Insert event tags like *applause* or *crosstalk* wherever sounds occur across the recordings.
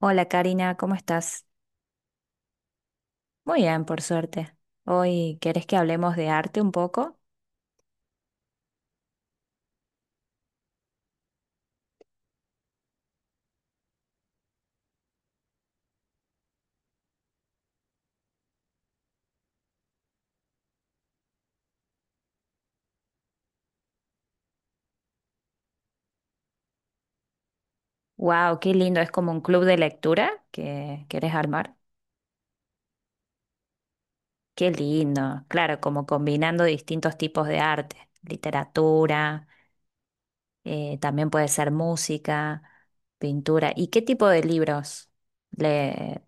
Hola, Karina, ¿cómo estás? Muy bien, por suerte. Hoy, ¿querés que hablemos de arte un poco? ¡Wow! ¡Qué lindo! Es como un club de lectura que querés armar. ¡Qué lindo! Claro, como combinando distintos tipos de arte, literatura, también puede ser música, pintura. ¿Y qué tipo de libros? Le...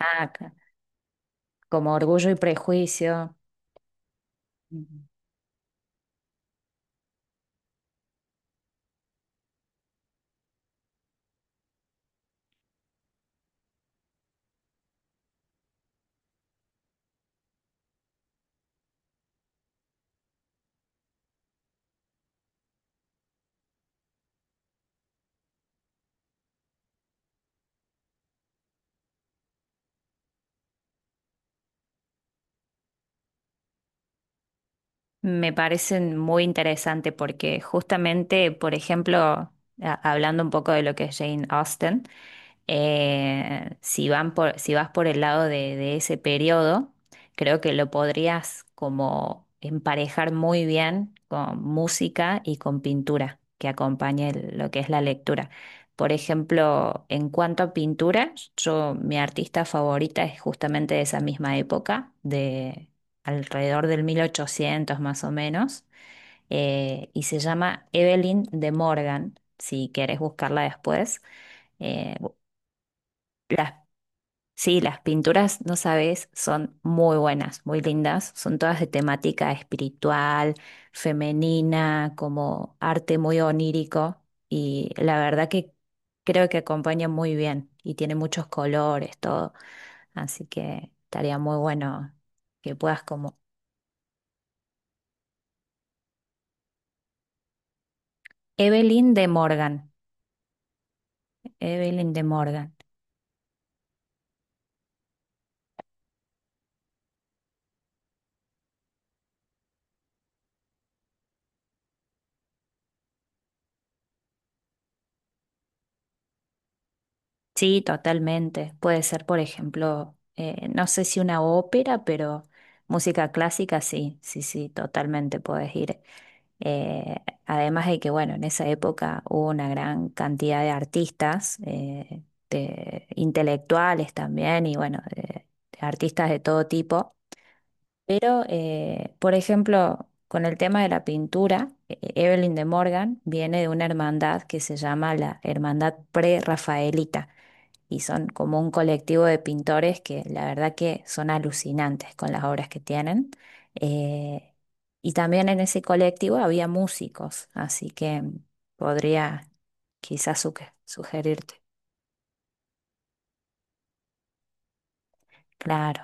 Ah, c- como Orgullo y Prejuicio. Ujú. Me parecen muy interesante porque justamente, por ejemplo, hablando un poco de lo que es Jane Austen, si van por, si vas por el lado de ese periodo, creo que lo podrías como emparejar muy bien con música y con pintura que acompañe lo que es la lectura. Por ejemplo, en cuanto a pintura, yo, mi artista favorita es justamente de esa misma época, de alrededor del 1800 más o menos, y se llama Evelyn de Morgan, si querés buscarla después. eh, las, sí, las pinturas, no sabes, son muy buenas, muy lindas. Son todas de temática espiritual, femenina, como arte muy onírico. Y la verdad que creo que acompaña muy bien y tiene muchos colores, todo. Así que estaría muy bueno que puedas como Evelyn de Morgan. Evelyn de Morgan. Sí, totalmente. Puede ser, por ejemplo, no sé si una ópera, pero música clásica, sí, sí, sí, totalmente puedes ir. Eh, Además de que, bueno, en esa época hubo una gran cantidad de artistas, de intelectuales también, y bueno, de artistas de todo tipo. Pero, por ejemplo, con el tema de la pintura, Evelyn de Morgan viene de una hermandad que se llama la Hermandad Prerrafaelita y son como un colectivo de pintores que la verdad que son alucinantes con las obras que tienen. Eh, y también en ese colectivo había músicos, así que podría quizás sugerirte. Claro.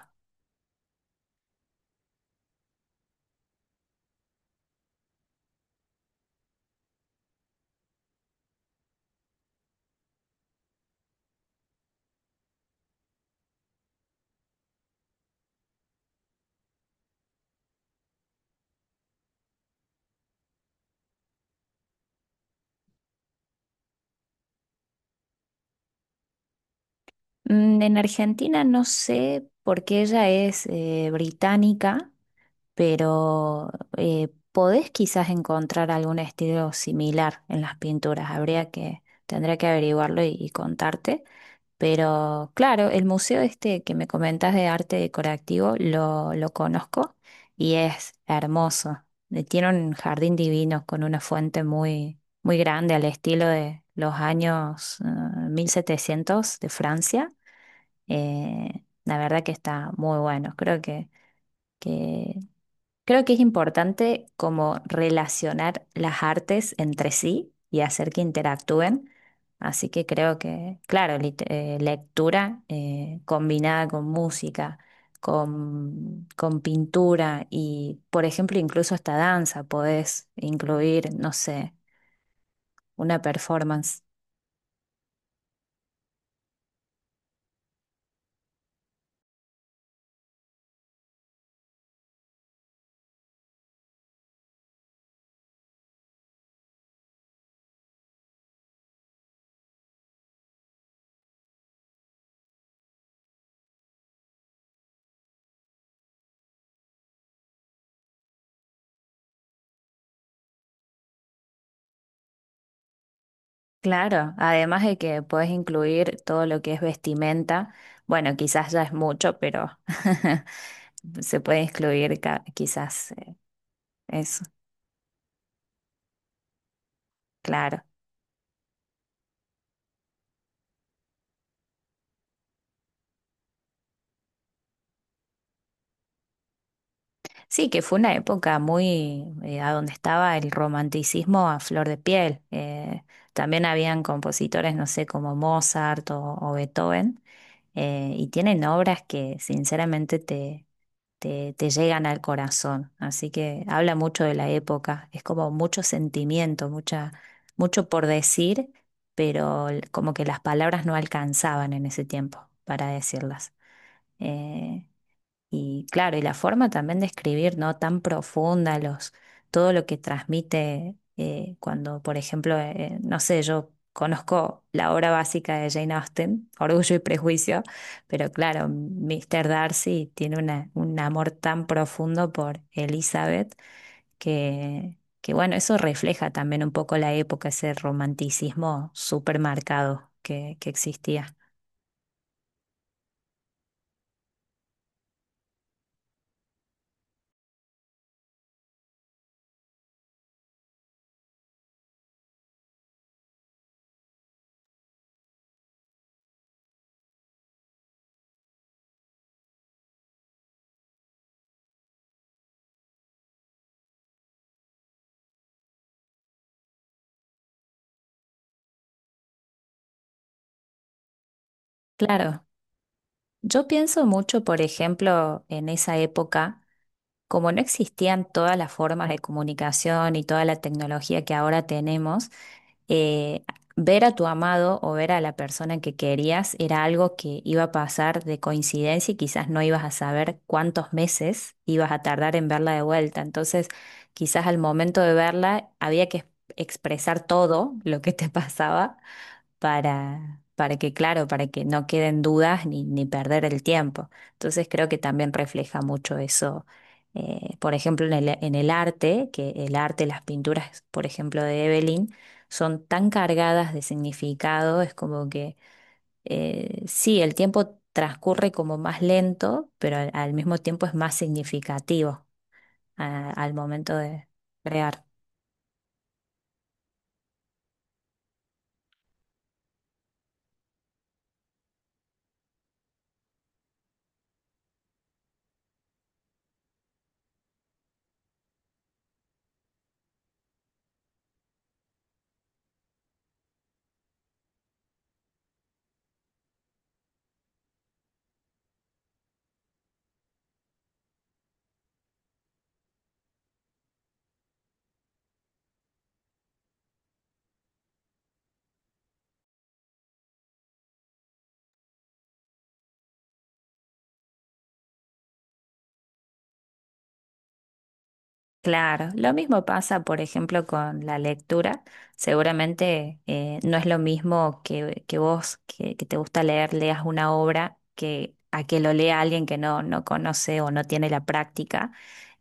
En Argentina no sé porque ella es británica, pero podés quizás encontrar algún estilo similar en las pinturas. Tendría que averiguarlo y contarte. Pero claro, el museo este que me comentas de arte decorativo lo conozco y es hermoso. Tiene un jardín divino con una fuente muy, muy grande al estilo de los años 1700 de Francia. La verdad que está muy bueno. Que Creo que es importante como relacionar las artes entre sí y hacer que interactúen. Así que creo que, claro, lectura combinada con música, con pintura y, por ejemplo, incluso hasta danza, podés incluir, no sé, una performance. Claro, además de que podés incluir todo lo que es vestimenta. Bueno, quizás ya es mucho, pero *laughs* se puede incluir quizás. Eso, claro. Sí, que fue una época muy, a donde estaba el romanticismo a flor de piel. También habían compositores, no sé, como Mozart o Beethoven, y tienen obras que sinceramente te llegan al corazón. Así que habla mucho de la época. Es como mucho sentimiento, mucha, mucho por decir, pero como que las palabras no alcanzaban en ese tiempo para decirlas. Eh, Y claro, y la forma también de escribir, ¿no? Tan profunda, los, todo lo que transmite cuando, por ejemplo, no sé, yo conozco la obra básica de Jane Austen, Orgullo y Prejuicio, pero claro, Mr. Darcy tiene una, un amor tan profundo por Elizabeth que, bueno, eso refleja también un poco la época, ese romanticismo súper marcado que existía. Claro, yo pienso mucho, por ejemplo, en esa época como no existían todas las formas de comunicación y toda la tecnología que ahora tenemos, eh, ver a tu amado o ver a la persona que querías era algo que iba a pasar de coincidencia y quizás no ibas a saber cuántos meses ibas a tardar en verla de vuelta. Entonces, quizás al momento de verla había que expresar todo lo que te *laughs* pasaba para que, claro, para que no queden dudas ni, ni perder el tiempo. Entonces creo que también refleja mucho eso, por ejemplo, en el arte, que el arte, las pinturas, por ejemplo, de Evelyn, son tan cargadas de significado, es como que sí, el tiempo transcurre como más lento, pero al mismo tiempo es más significativo al momento de crear. Claro, lo mismo pasa, por ejemplo, con la lectura. Seguramente no es lo mismo que te gusta leer, leas una obra que a que lo lea alguien que no, no conoce o no tiene la práctica.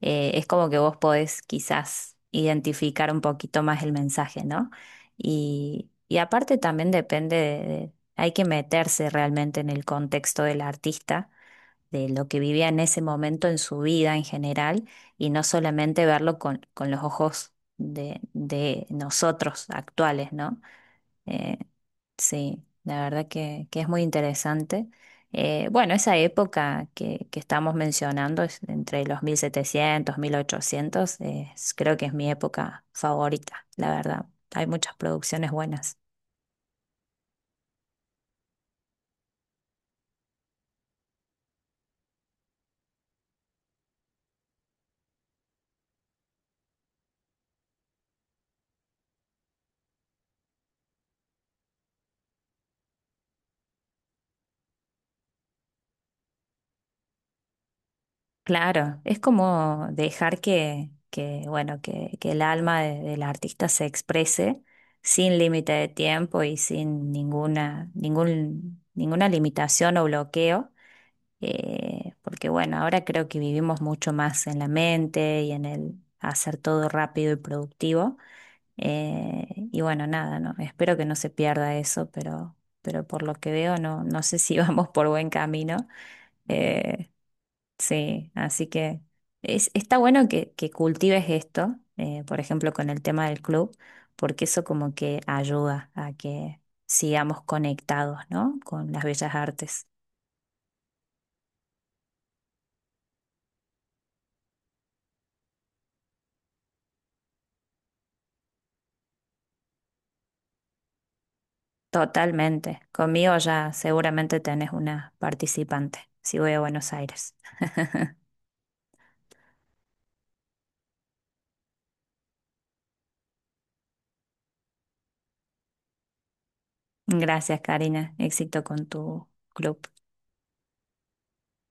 Es como que vos podés quizás identificar un poquito más el mensaje, ¿no? Y aparte también depende hay que meterse realmente en el contexto del artista de lo que vivía en ese momento en su vida en general y no solamente verlo con los ojos de nosotros actuales, ¿no? Eh, sí, la verdad que es muy interesante. Bueno, esa época que estamos mencionando, es entre los 1700, 1800, creo que es mi época favorita, la verdad. Hay muchas producciones buenas. Claro, es como dejar que bueno, que el alma del artista se exprese sin límite de tiempo y sin ninguna, ningún, ninguna limitación o bloqueo, porque bueno, ahora creo que vivimos mucho más en la mente y en el hacer todo rápido y productivo. eh, y bueno, nada, no, espero que no se pierda eso, pero por lo que veo no, no sé si *laughs* vamos por buen camino. Eh, Sí, así que es, está bueno que cultives esto, por ejemplo, con el tema del club, porque eso como que ayuda a que sigamos conectados, ¿no? Con las bellas artes. Totalmente. Conmigo ya seguramente tenés una participante, si voy a Buenos Aires. Gracias, Karina. Éxito con tu club.